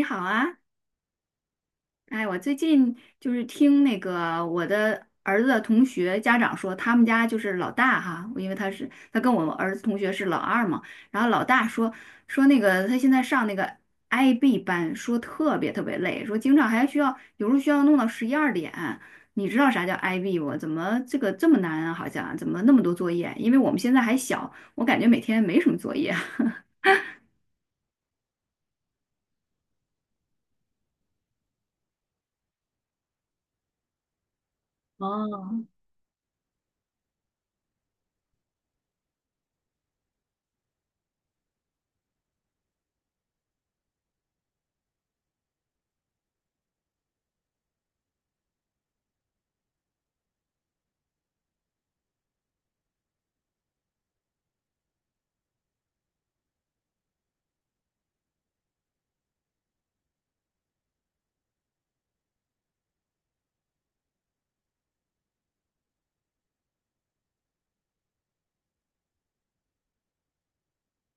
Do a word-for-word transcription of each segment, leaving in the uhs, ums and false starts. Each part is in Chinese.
你好啊，哎，我最近就是听那个我的儿子的同学家长说，他们家就是老大哈，因为他是他跟我儿子同学是老二嘛，然后老大说说那个他现在上那个 I B 班，说特别特别累，说经常还需要有时候需要弄到十一二点。你知道啥叫 I B 不？怎么这个这么难啊？好像怎么那么多作业？因为我们现在还小，我感觉每天没什么作业。哦，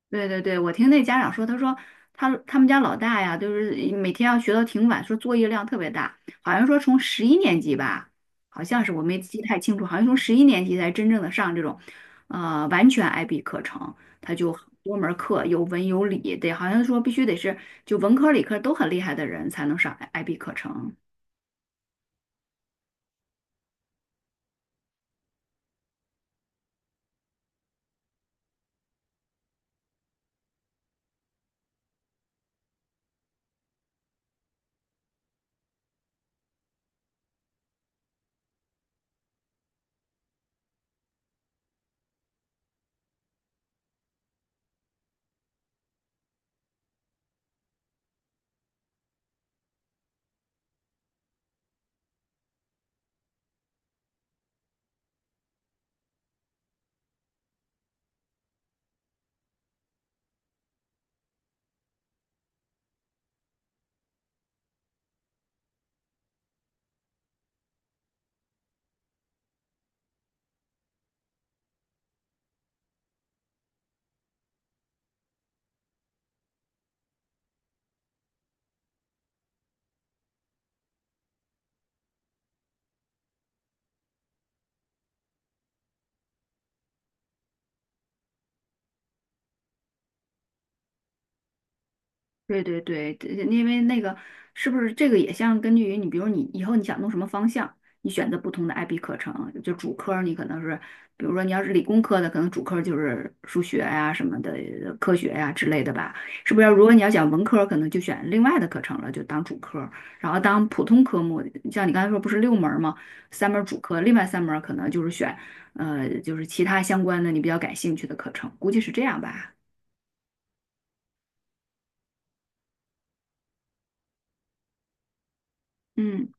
对对对，我听那家长说，他说他他们家老大呀，就是每天要学到挺晚，说作业量特别大，好像说从十一年级吧，好像是我没记太清楚，好像从十一年级才真正的上这种，呃，完全 I B 课程，他就很多门儿课有文有理，得好像说必须得是就文科理科都很厉害的人才能上 I B 课程。对对对，这因为那个是不是这个也像根据于你，比如你以后你想弄什么方向，你选择不同的 I B 课程，就主科儿你可能是，比如说你要是理工科的，可能主科儿就是数学呀、什么的呃科学呀、之类的吧，是不是要？如果你要讲文科儿可能就选另外的课程了，就当主科儿然后当普通科目，像你刚才说不是六门儿吗？三门儿主科，另外三门儿可能就是选呃就是其他相关的你比较感兴趣的课程，估计是这样吧。嗯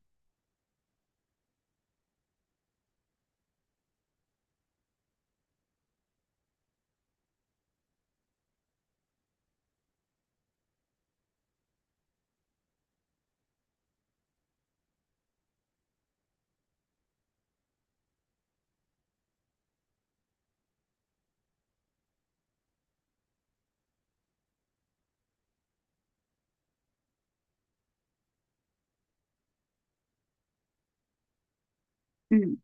嗯。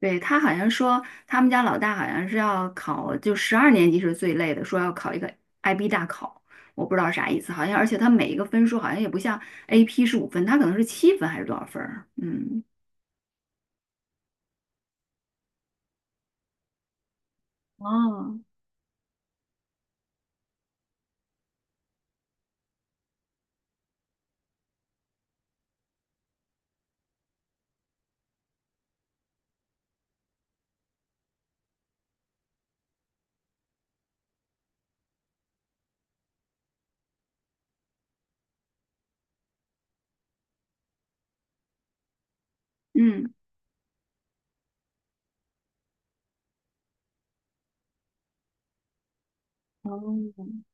对，他好像说，他们家老大好像是要考，就十二年级是最累的，说要考一个 I B 大考，我不知道啥意思，好像而且他每一个分数好像也不像 A P 是五分，他可能是七分还是多少分儿嗯。哦，嗯。哦，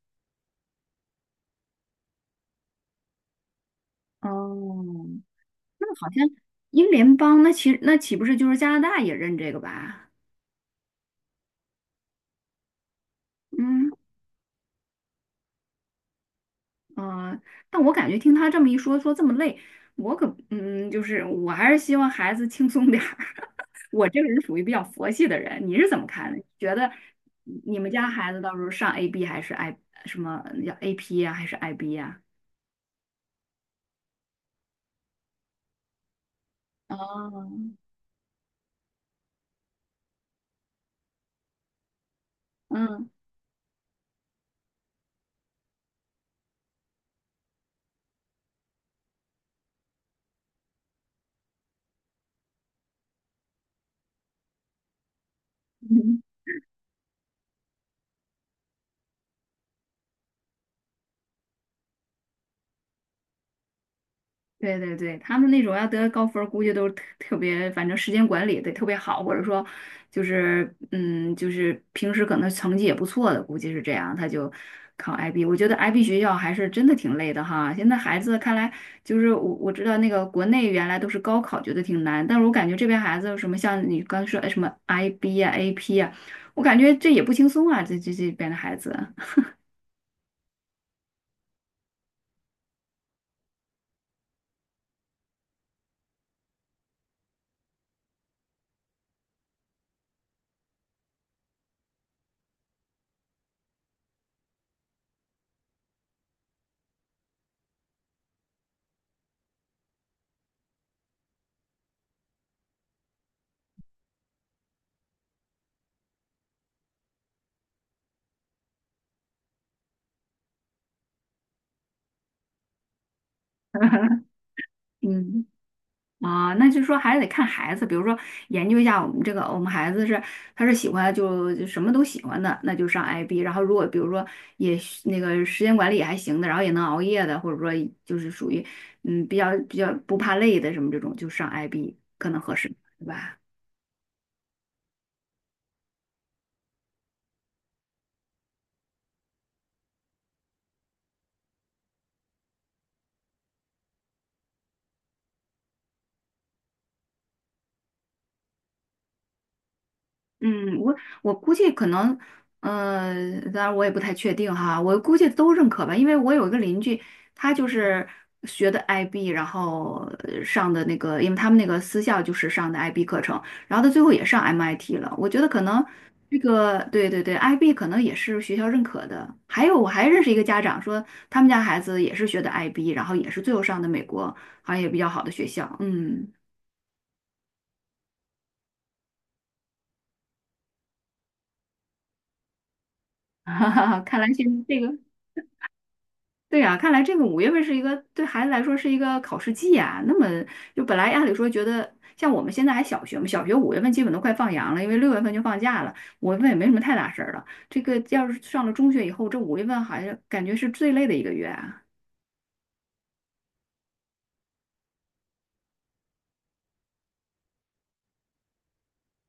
哦，那好像英联邦，那其那岂不是就是加拿大也认这个吧？嗯。嗯，但我感觉听他这么一说，说这么累，我可嗯，就是我还是希望孩子轻松点儿。我这个人属于比较佛系的人，你是怎么看的？你觉得你们家孩子到时候上 A B 还是 I 什么叫 A P 呀、还是 I B 呀、哦，嗯。对对对，他们那种要得高分儿估计都是特特别，反正时间管理得特别好，或者说就是嗯，就是平时可能成绩也不错的，估计是这样，他就考 I B。我觉得 I B 学校还是真的挺累的哈。现在孩子看来，就是我我知道那个国内原来都是高考觉得挺难，但是我感觉这边孩子什么像你刚说哎什么 I B 呀、A P 呀、我感觉这也不轻松啊，这这这边的孩子，嗯。啊，那就是说还是得看孩子，比如说研究一下我们这个，我们孩子是他是喜欢就就什么都喜欢的，那就上 I B。然后如果比如说也是那个时间管理也还行的，然后也能熬夜的，或者说就是属于嗯比较比较不怕累的什么这种，就上 I B 可能合适，对吧？嗯，我我估计可能，呃，当然我也不太确定哈，我估计都认可吧，因为我有一个邻居，他就是学的 I B，然后呃上的那个，因为他们那个私校就是上的 I B 课程，然后他最后也上 M I T 了。我觉得可能这个，对对对，I B 可能也是学校认可的。还有我还认识一个家长说，他们家孩子也是学的 I B，然后也是最后上的美国，好像也比较好的学校。嗯，哈哈哈，看来现在这个。对呀，看来这个五月份是一个对孩子来说是一个考试季啊。那么就本来按理说觉得，像我们现在还小学嘛，小学五月份基本都快放羊了，因为六月份就放假了，五月份也没什么太大事儿了。这个要是上了中学以后，这五月份好像感觉是最累的一个月啊。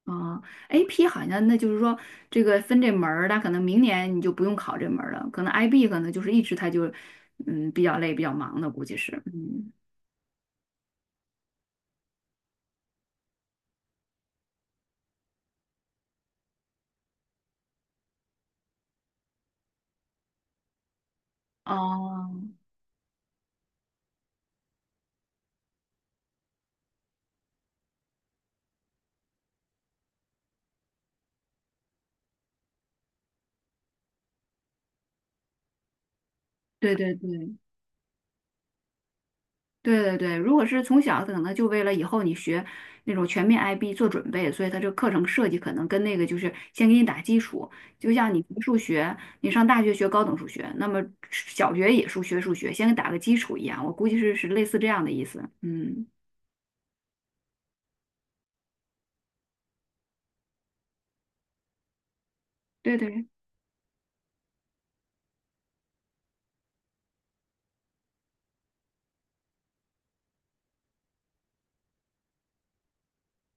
啊，A P 好像那就是说这个分这门儿，那可能明年你就不用考这门儿了，可能 I B 可能就是一直他就嗯比较累、比较忙的，估计是嗯。哦，对对对，对对对，如果是从小可能就为了以后你学那种全面 I B 做准备，所以他这课程设计可能跟那个就是先给你打基础，就像你学数学，你上大学学高等数学，那么小学也数学数学，先给打个基础一样，我估计是是类似这样的意思。嗯，对对。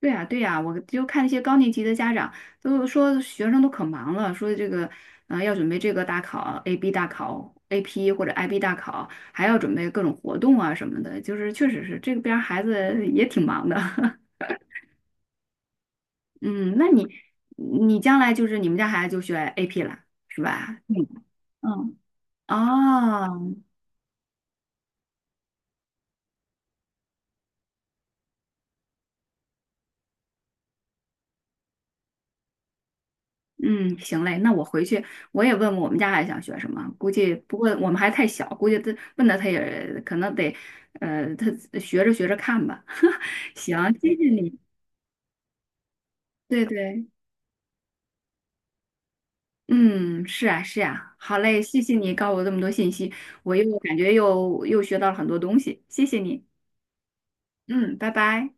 对呀，对呀，我就看那些高年级的家长都说学生都可忙了，说这个呃要准备这个大考 A B 大考 A P 或者 I B 大考，还要准备各种活动啊什么的，就是确实是这边儿孩子也挺忙的。嗯，那你你将来就是你们家孩子就学 A P 了，是吧？嗯嗯。哦，嗯，行嘞，那我回去我也问问我们家孩子想学什么，估计不过我们还太小，估计他问他他也可能得，呃，他学着学着看吧。行，谢谢你，对对，嗯，是啊是啊，好嘞，谢谢你告诉我这么多信息，我又感觉又又学到了很多东西，谢谢你，嗯，拜拜。